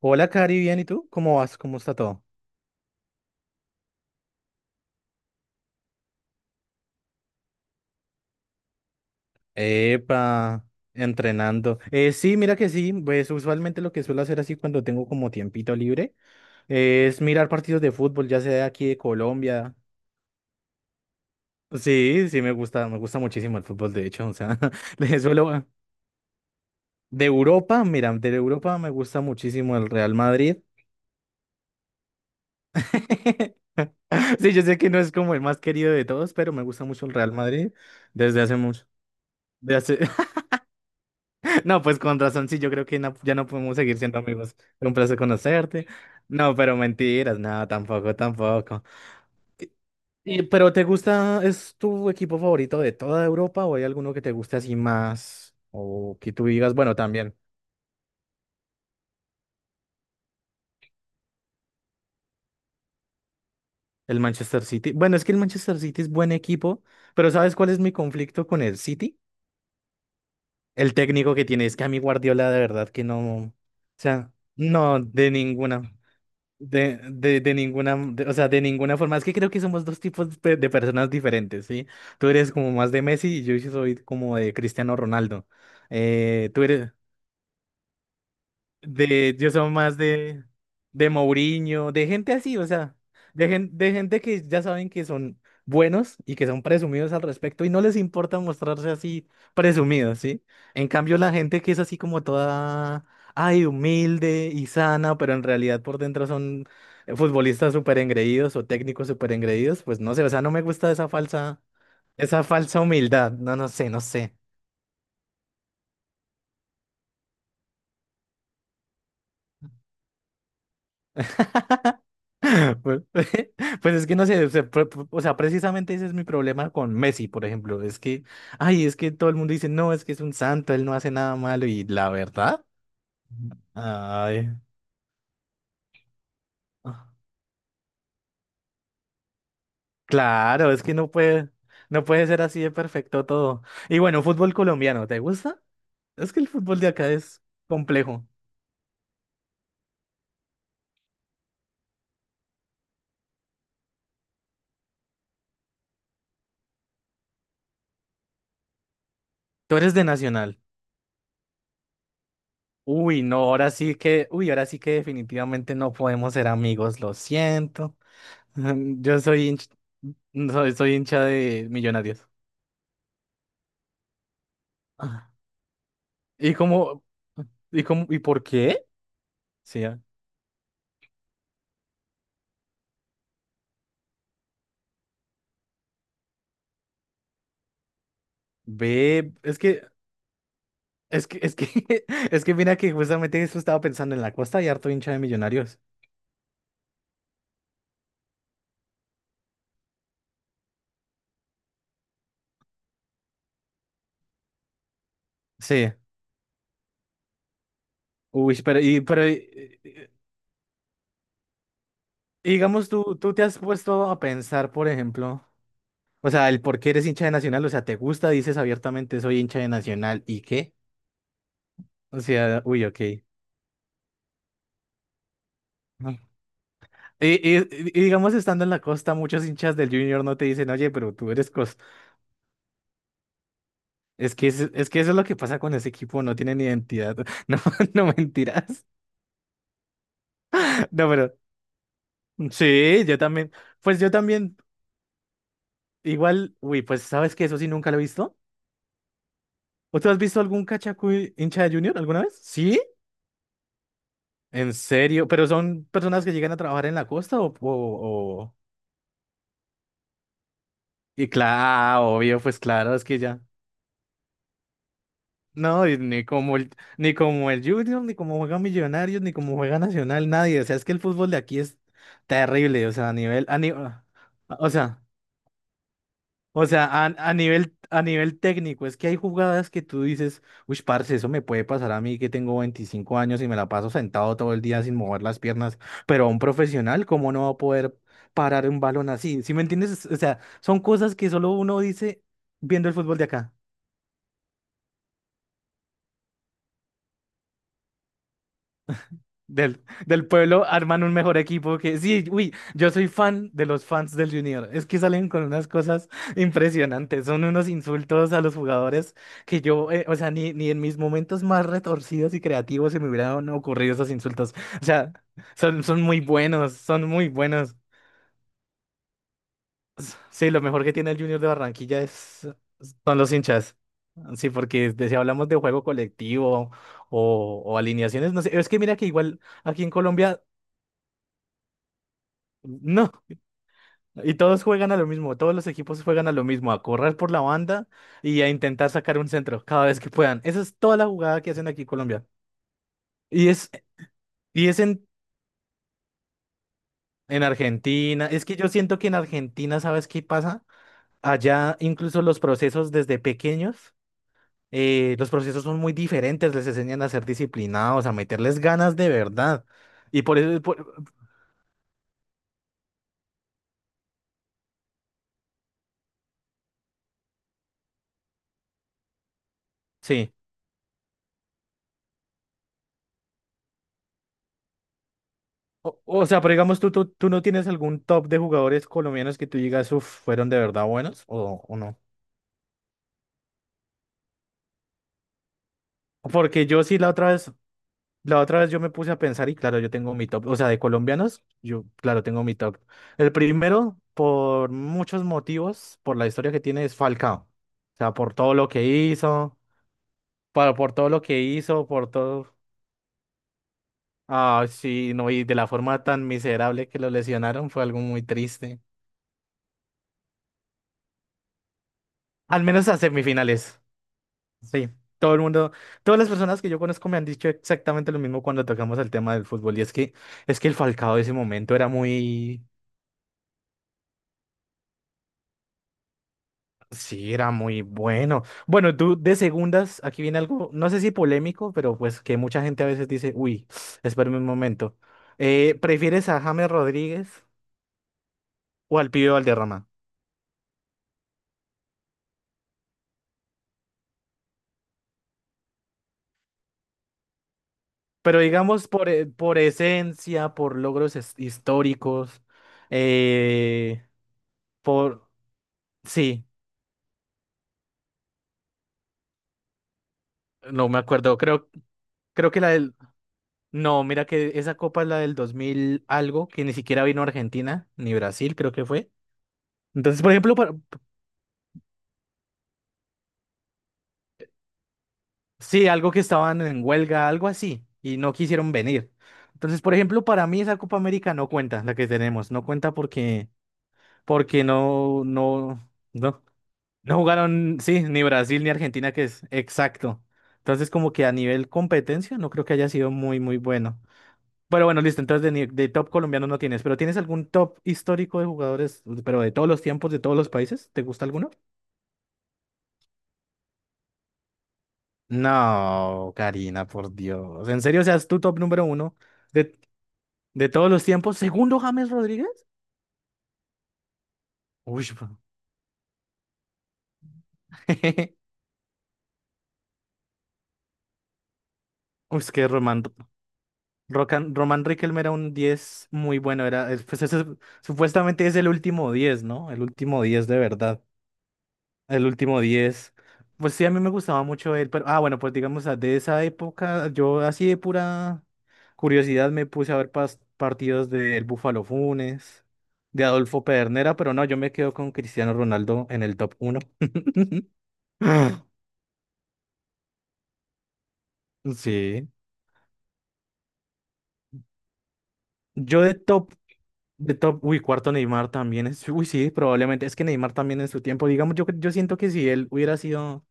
Hola, Cari, bien, ¿y tú? ¿Cómo vas? ¿Cómo está todo? Epa, entrenando. Sí, mira que sí, pues usualmente lo que suelo hacer así cuando tengo como tiempito libre es mirar partidos de fútbol, ya sea de aquí de Colombia. Sí, sí, me gusta muchísimo el fútbol, de hecho, o sea, le suelo... De Europa, mira, de Europa me gusta muchísimo el Real Madrid. Sí, yo sé que no es como el más querido de todos, pero me gusta mucho el Real Madrid desde hace mucho. No, pues con razón, sí, yo creo que ya no podemos seguir siendo amigos. Fue un placer conocerte. No, pero mentiras, no, tampoco, tampoco. Y- pero ¿te gusta, es tu equipo favorito de toda Europa o hay alguno que te guste así más? O que tú digas, bueno, también el Manchester City. Bueno, es que el Manchester City es buen equipo, pero ¿sabes cuál es mi conflicto con el City? El técnico que tiene, es que a mí Guardiola de verdad que no, o sea, no, de ninguna. De ninguna, o sea, de ninguna forma. Es que creo que somos dos tipos de personas diferentes, ¿sí? Tú eres como más de Messi y yo sí soy como de Cristiano Ronaldo. Eh, tú eres, yo soy más de Mourinho, de gente así, o sea, de gente que ya saben que son buenos y que son presumidos al respecto y no les importa mostrarse así presumidos, ¿sí? En cambio, la gente que es así como toda, ay, humilde y sana, pero en realidad por dentro son futbolistas súper engreídos o técnicos súper engreídos, pues no sé, o sea, no me gusta esa falsa humildad, no, no sé, no sé. Pues, pues es que no sé, o sea, o sea, precisamente ese es mi problema con Messi, por ejemplo. Es que, ay, es que todo el mundo dice, no, es que es un santo, él no hace nada malo. Y la verdad, ay, ah, claro, es que no puede, ser así de perfecto todo. Y bueno, fútbol colombiano, ¿te gusta? Es que el fútbol de acá es complejo. Tú eres de Nacional. Uy, no, ahora sí que, uy, ahora sí que definitivamente no podemos ser amigos, lo siento. Yo soy hincha, soy hincha de Millonarios. Ah. ¿Y cómo? ¿Y cómo? ¿Y por qué? Sí, ah. Ve, es que, es que, es que, es que mira que justamente eso estaba pensando en la costa y harto hincha de Millonarios. Sí. Uy, y digamos, tú te has puesto a pensar, por ejemplo, o sea, el por qué eres hincha de Nacional, o sea, te gusta, dices abiertamente, soy hincha de Nacional, ¿y qué? O sea, uy, ok. Y y- digamos, estando en la costa, muchos hinchas del Junior no te dicen, oye, pero tú eres cos... Es que, es que eso es lo que pasa con ese equipo, no tienen identidad. No, no mentiras. No, pero sí, yo también. Pues yo también, igual, uy, pues sabes que eso sí nunca lo he visto. ¿O tú has visto algún cachacu hincha de Junior alguna vez? Sí, en serio. Pero son personas que llegan a trabajar en la costa o- Y claro, obvio, pues claro, es que ya. No, y ni como el, ni como el Junior, ni como juega Millonarios, ni como juega Nacional, nadie. O sea, es que el fútbol de aquí es terrible. O sea, a nivel, a ni- o sea, a nivel técnico, es que hay jugadas que tú dices, uy, parce, eso me puede pasar a mí que tengo 25 años y me la paso sentado todo el día sin mover las piernas. Pero a un profesional, ¿cómo no va a poder parar un balón así? ¿Sí me entiendes? O sea, son cosas que solo uno dice viendo el fútbol de acá. Del pueblo arman un mejor equipo que... Sí, uy, yo soy fan de los fans del Junior. Es que salen con unas cosas impresionantes. Son unos insultos a los jugadores que yo, o sea, ni en mis momentos más retorcidos y creativos se me hubieran ocurrido esos insultos. O sea, son muy buenos, son muy buenos. Sí, lo mejor que tiene el Junior de Barranquilla son los hinchas. Sí, porque si hablamos de juego colectivo o alineaciones, no sé, es que mira que igual aquí en Colombia... No, y todos juegan a lo mismo, todos los equipos juegan a lo mismo, a correr por la banda y a intentar sacar un centro cada vez que puedan. Esa es toda la jugada que hacen aquí en Colombia. Y es, y es en Argentina. Es que yo siento que en Argentina, ¿sabes qué pasa? Allá incluso los procesos desde pequeños, los procesos son muy diferentes, les enseñan a ser disciplinados, a meterles ganas de verdad. Y por eso, sí. O sea, pero digamos, ¿tú no tienes algún top de jugadores colombianos que tú digas, uff, fueron de verdad buenos o no? Porque yo sí la otra vez yo me puse a pensar y claro, yo tengo mi top, o sea, de colombianos, yo claro, tengo mi top. El primero, por muchos motivos, por la historia que tiene, es Falcao. O sea, por todo lo que hizo, por todo lo que hizo, por todo, ah, sí, no, y de la forma tan miserable que lo lesionaron, fue algo muy triste. Al menos a semifinales, sí. Todo el mundo, todas las personas que yo conozco me han dicho exactamente lo mismo cuando tocamos el tema del fútbol, y es que, el Falcao de ese momento era muy. Sí, era muy bueno. Bueno, tú de segundas, aquí viene algo, no sé si polémico, pero pues que mucha gente a veces dice, uy, espérame un momento. ¿Prefieres a James Rodríguez o al Pibe Valderrama? Pero digamos por, por esencia, por logros históricos, eh, por... Sí, no me acuerdo, creo que la del... No, mira que esa copa es la del 2000 algo, que ni siquiera vino a Argentina, ni Brasil, creo que fue. Entonces, por ejemplo, sí, algo que estaban en huelga, algo así, y no quisieron venir. Entonces, por ejemplo, para mí esa Copa América no cuenta, la que tenemos, no cuenta porque no, no, no, no jugaron, sí, ni Brasil ni Argentina, que es exacto. Entonces, como que a nivel competencia, no creo que haya sido muy, muy bueno. Pero bueno, listo, entonces de, de top colombiano no tienes, pero ¿tienes algún top histórico de jugadores, pero de todos los tiempos, de todos los países? ¿Te gusta alguno? No, Karina, por Dios. ¿En serio seas tu top número uno? De todos los tiempos, segundo James Rodríguez. Uy, bro. Uy, es que Román, Román Riquelme era un 10 muy bueno. Era, pues supuestamente es el último diez, ¿no? El último 10 de verdad. El último diez. Pues sí, a mí me gustaba mucho él, pero ah, bueno, pues digamos ah, de esa época, yo así de pura curiosidad me puse a ver partidos del Búfalo Funes, de Adolfo Pedernera, pero no, yo me quedo con Cristiano Ronaldo en el top uno. Sí. Yo de top, uy, cuarto Neymar también es, uy, sí, probablemente, es que Neymar también en su tiempo, digamos, yo siento que si él hubiera sido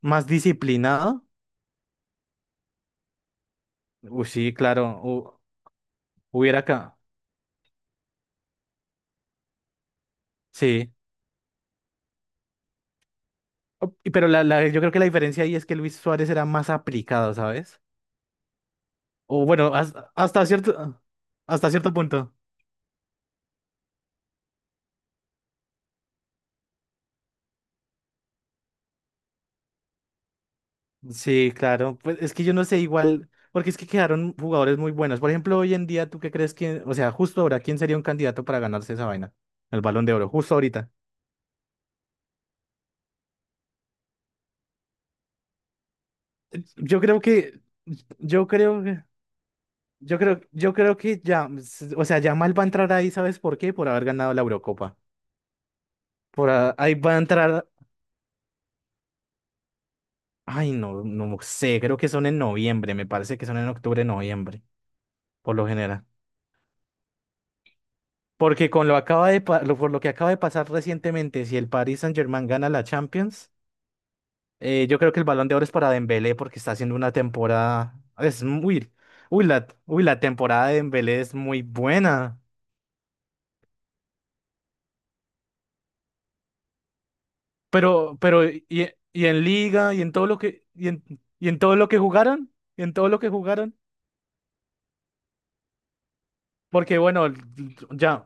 más disciplinado, uy, sí, claro, hubiera acá, sí. Y pero yo creo que la diferencia ahí es que Luis Suárez era más aplicado, ¿sabes? O bueno, hasta cierto punto. Sí, claro, pues es que yo no sé igual, porque es que quedaron jugadores muy buenos. Por ejemplo, hoy en día, ¿tú qué crees que, o sea, justo ahora, quién sería un candidato para ganarse esa vaina? El Balón de Oro, justo ahorita. Yo creo que, yo creo que, yo creo que ya, o sea, Yamal va a entrar ahí, ¿sabes por qué? Por haber ganado la Eurocopa. Por ahí va a entrar, ay, no, no sé, creo que son en noviembre, me parece que son en octubre, noviembre, por lo general. Porque con lo acaba de, pa- lo- por lo que acaba de pasar recientemente, si el Paris Saint-Germain gana la Champions, yo creo que el Balón de Oro es para Dembélé porque está haciendo una temporada, es muy, uy, la temporada de Dembélé es muy buena. Pero, y en liga, y en todo lo que jugaron, y en todo lo que jugaron, porque bueno, ya,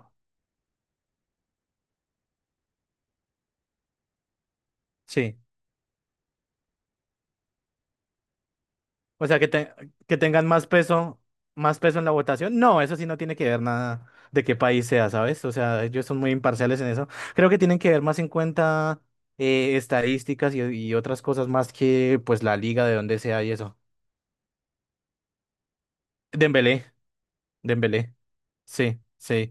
sí. O sea, que, que tengan más peso en la votación. No, eso sí no tiene que ver nada de qué país sea, ¿sabes? O sea, ellos son muy imparciales en eso. Creo que tienen que ver más en cuenta estadísticas y otras cosas más que pues la liga de donde sea y eso. Dembélé, Dembélé. Sí, sí.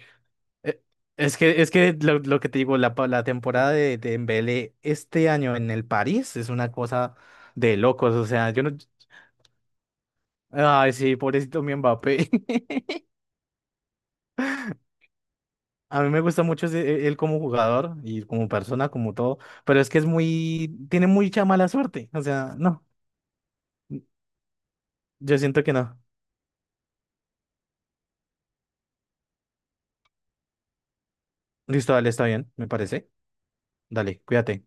Eh, es que, lo que te digo, la temporada de Dembélé este año en el París es una cosa de locos. O sea, yo no. Ay, sí, pobrecito mi Mbappé. A mí me gusta mucho él como jugador y como persona, como todo. Pero es que es muy. Tiene mucha mala suerte. O sea, no. Yo siento que no. Listo, dale, está bien, me parece. Dale, cuídate.